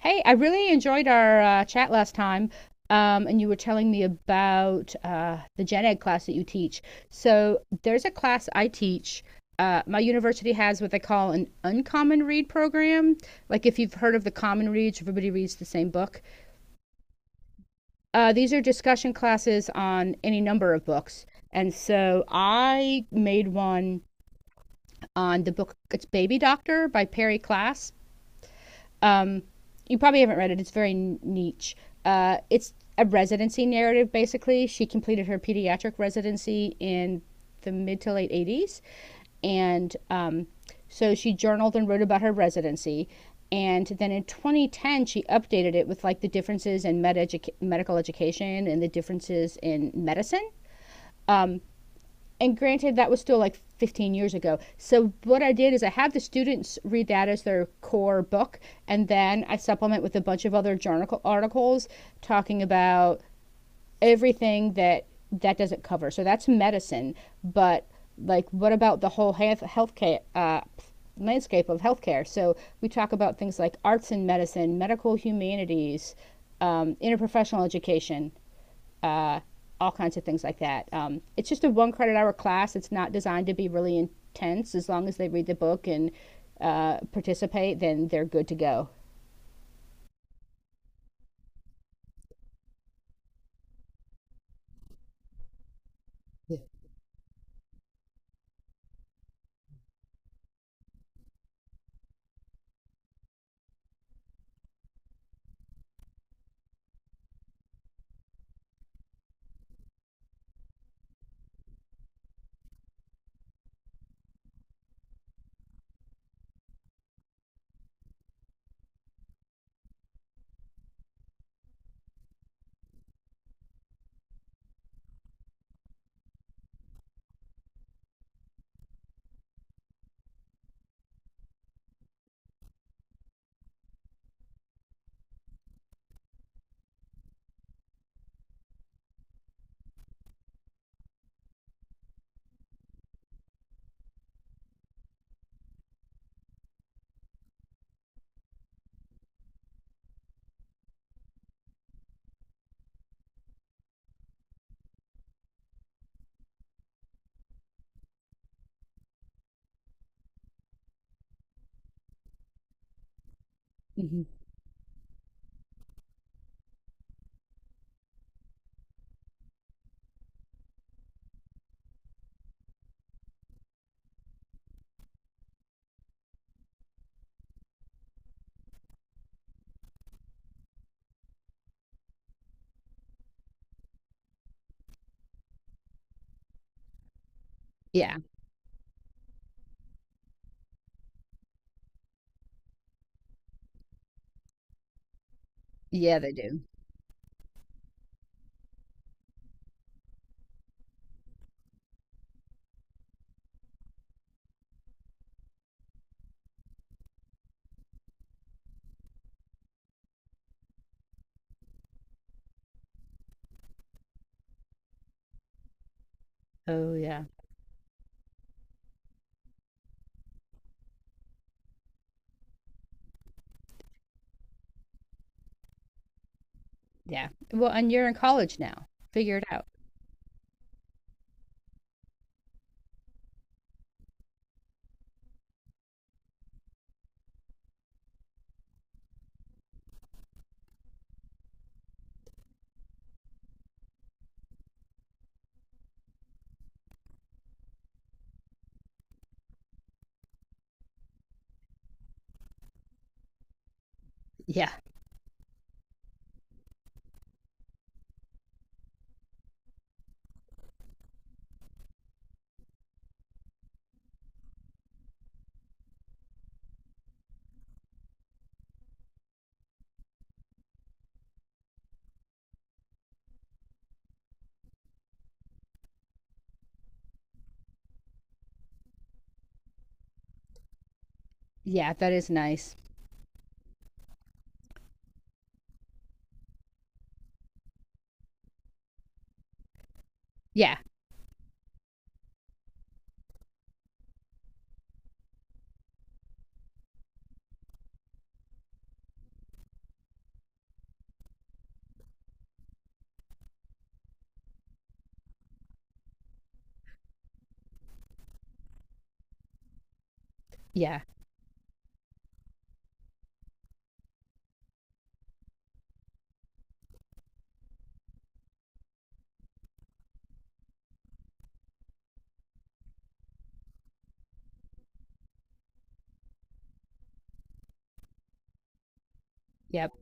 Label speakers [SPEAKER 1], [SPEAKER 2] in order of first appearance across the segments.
[SPEAKER 1] Hey, I really enjoyed our chat last time, and you were telling me about the gen ed class that you teach. So there's a class I teach. My university has what they call an uncommon read program. Like if you've heard of the common reads, everybody reads the same book. These are discussion classes on any number of books. And so I made one on the book, it's Baby Doctor by Perry Class. Um, you probably haven't read it. It's very niche. It's a residency narrative, basically. She completed her pediatric residency in the mid to late 80s. And So she journaled and wrote about her residency. And then in 2010, she updated it with like the differences in medical education and the differences in medicine. And granted, that was still like 15 years ago. So what I did is I have the students read that as their core book, and then I supplement with a bunch of other journal articles talking about everything that doesn't cover. So that's medicine, but like what about the whole healthcare landscape of healthcare? So we talk about things like arts and medicine, medical humanities, interprofessional education, uh, all kinds of things like that. It's just a one credit hour class. It's not designed to be really intense. As long as they read the book and participate, then they're good to go. hmm Yeah. Yeah, they do. Oh, yeah. Yeah. Well, and you're in college now. Figure it out. Yeah. Yeah, that is nice. Yeah. Yeah. Yep.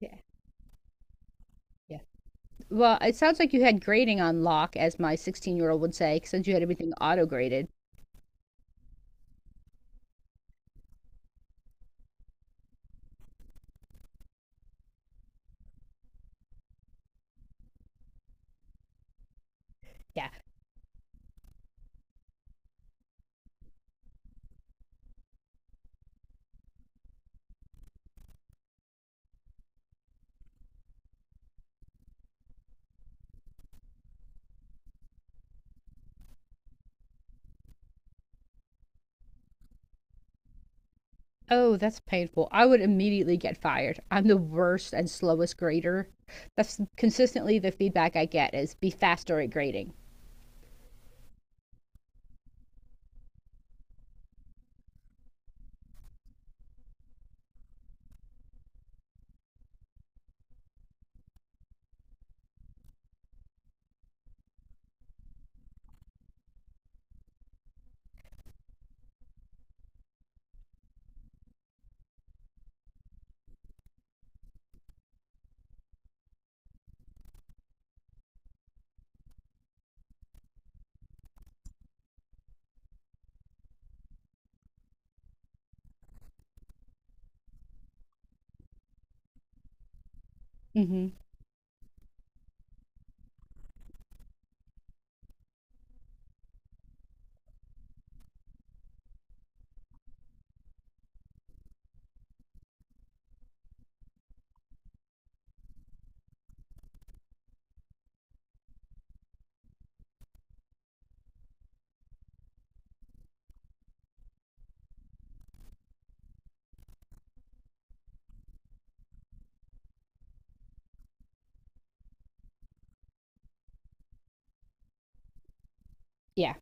[SPEAKER 1] Yeah. Yeah. Well, it sounds like you had grading on lock, as my 16-year-old would say, since you had everything auto graded. Yeah. Oh, that's painful. I would immediately get fired. I'm the worst and slowest grader. That's consistently the feedback I get is be faster at grading. hmm Yeah.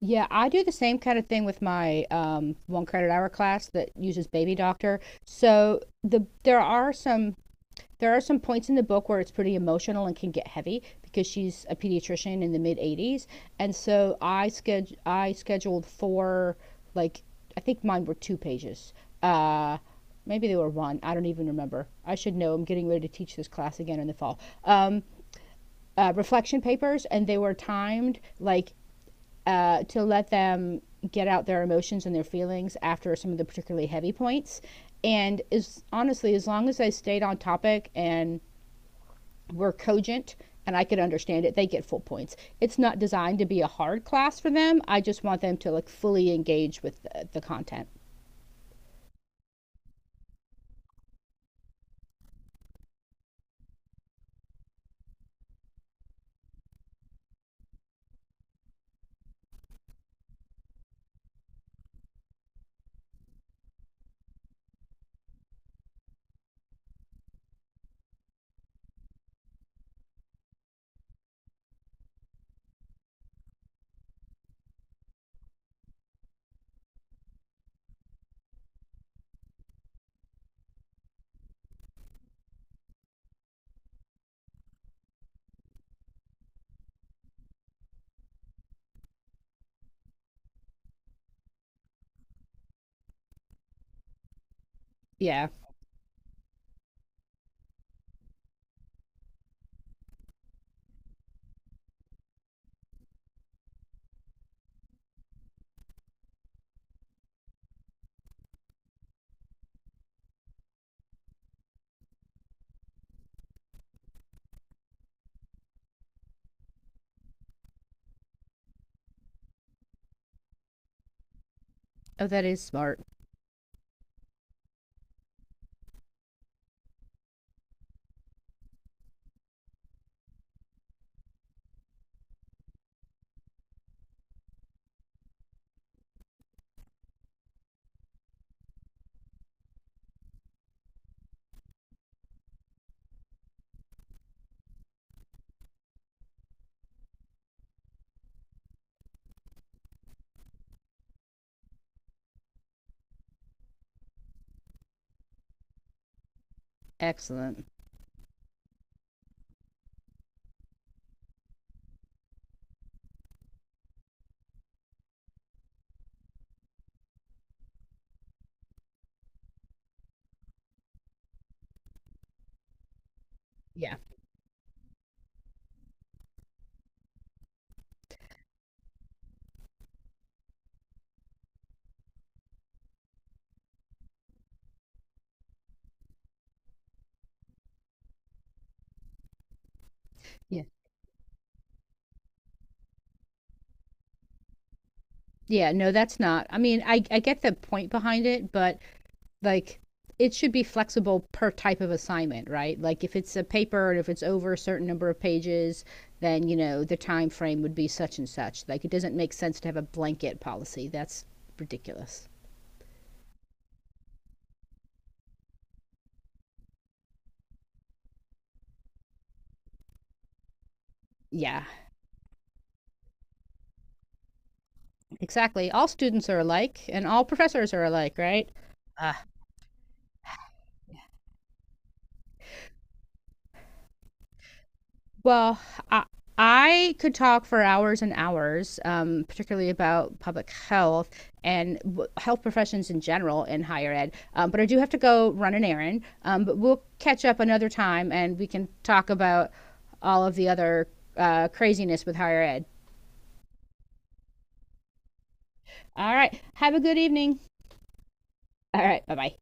[SPEAKER 1] Yeah, I do the same kind of thing with my one credit hour class that uses Baby Doctor. So the there are some There are some points in the book where it's pretty emotional and can get heavy because she's a pediatrician in the mid 80s. And so I scheduled four, like, I think mine were two pages. Uh Maybe they were one. I don't even remember. I should know. I'm getting ready to teach this class again in the fall. Reflection papers, and they were timed like to let them get out their emotions and their feelings after some of the particularly heavy points. And is honestly, as long as I stayed on topic and were cogent and I could understand it, they get full points. It's not designed to be a hard class for them. I just want them to like fully engage with the content. Yeah. Oh, that is smart. Excellent. Yeah. Yeah. Yeah. No, that's not. I mean, I get the point behind it, but like it should be flexible per type of assignment, right? Like if it's a paper and if it's over a certain number of pages, then you know the time frame would be such and such. Like it doesn't make sense to have a blanket policy. That's ridiculous. Yeah. Exactly. All students are alike and all professors are alike, right? Uh, Well, I, I could talk for hours and hours, particularly about public health and health professions in general in higher ed. But I do have to go run an errand. But we'll catch up another time and we can talk about all of the other craziness with higher ed. All right. Have a good evening. All right. Bye bye.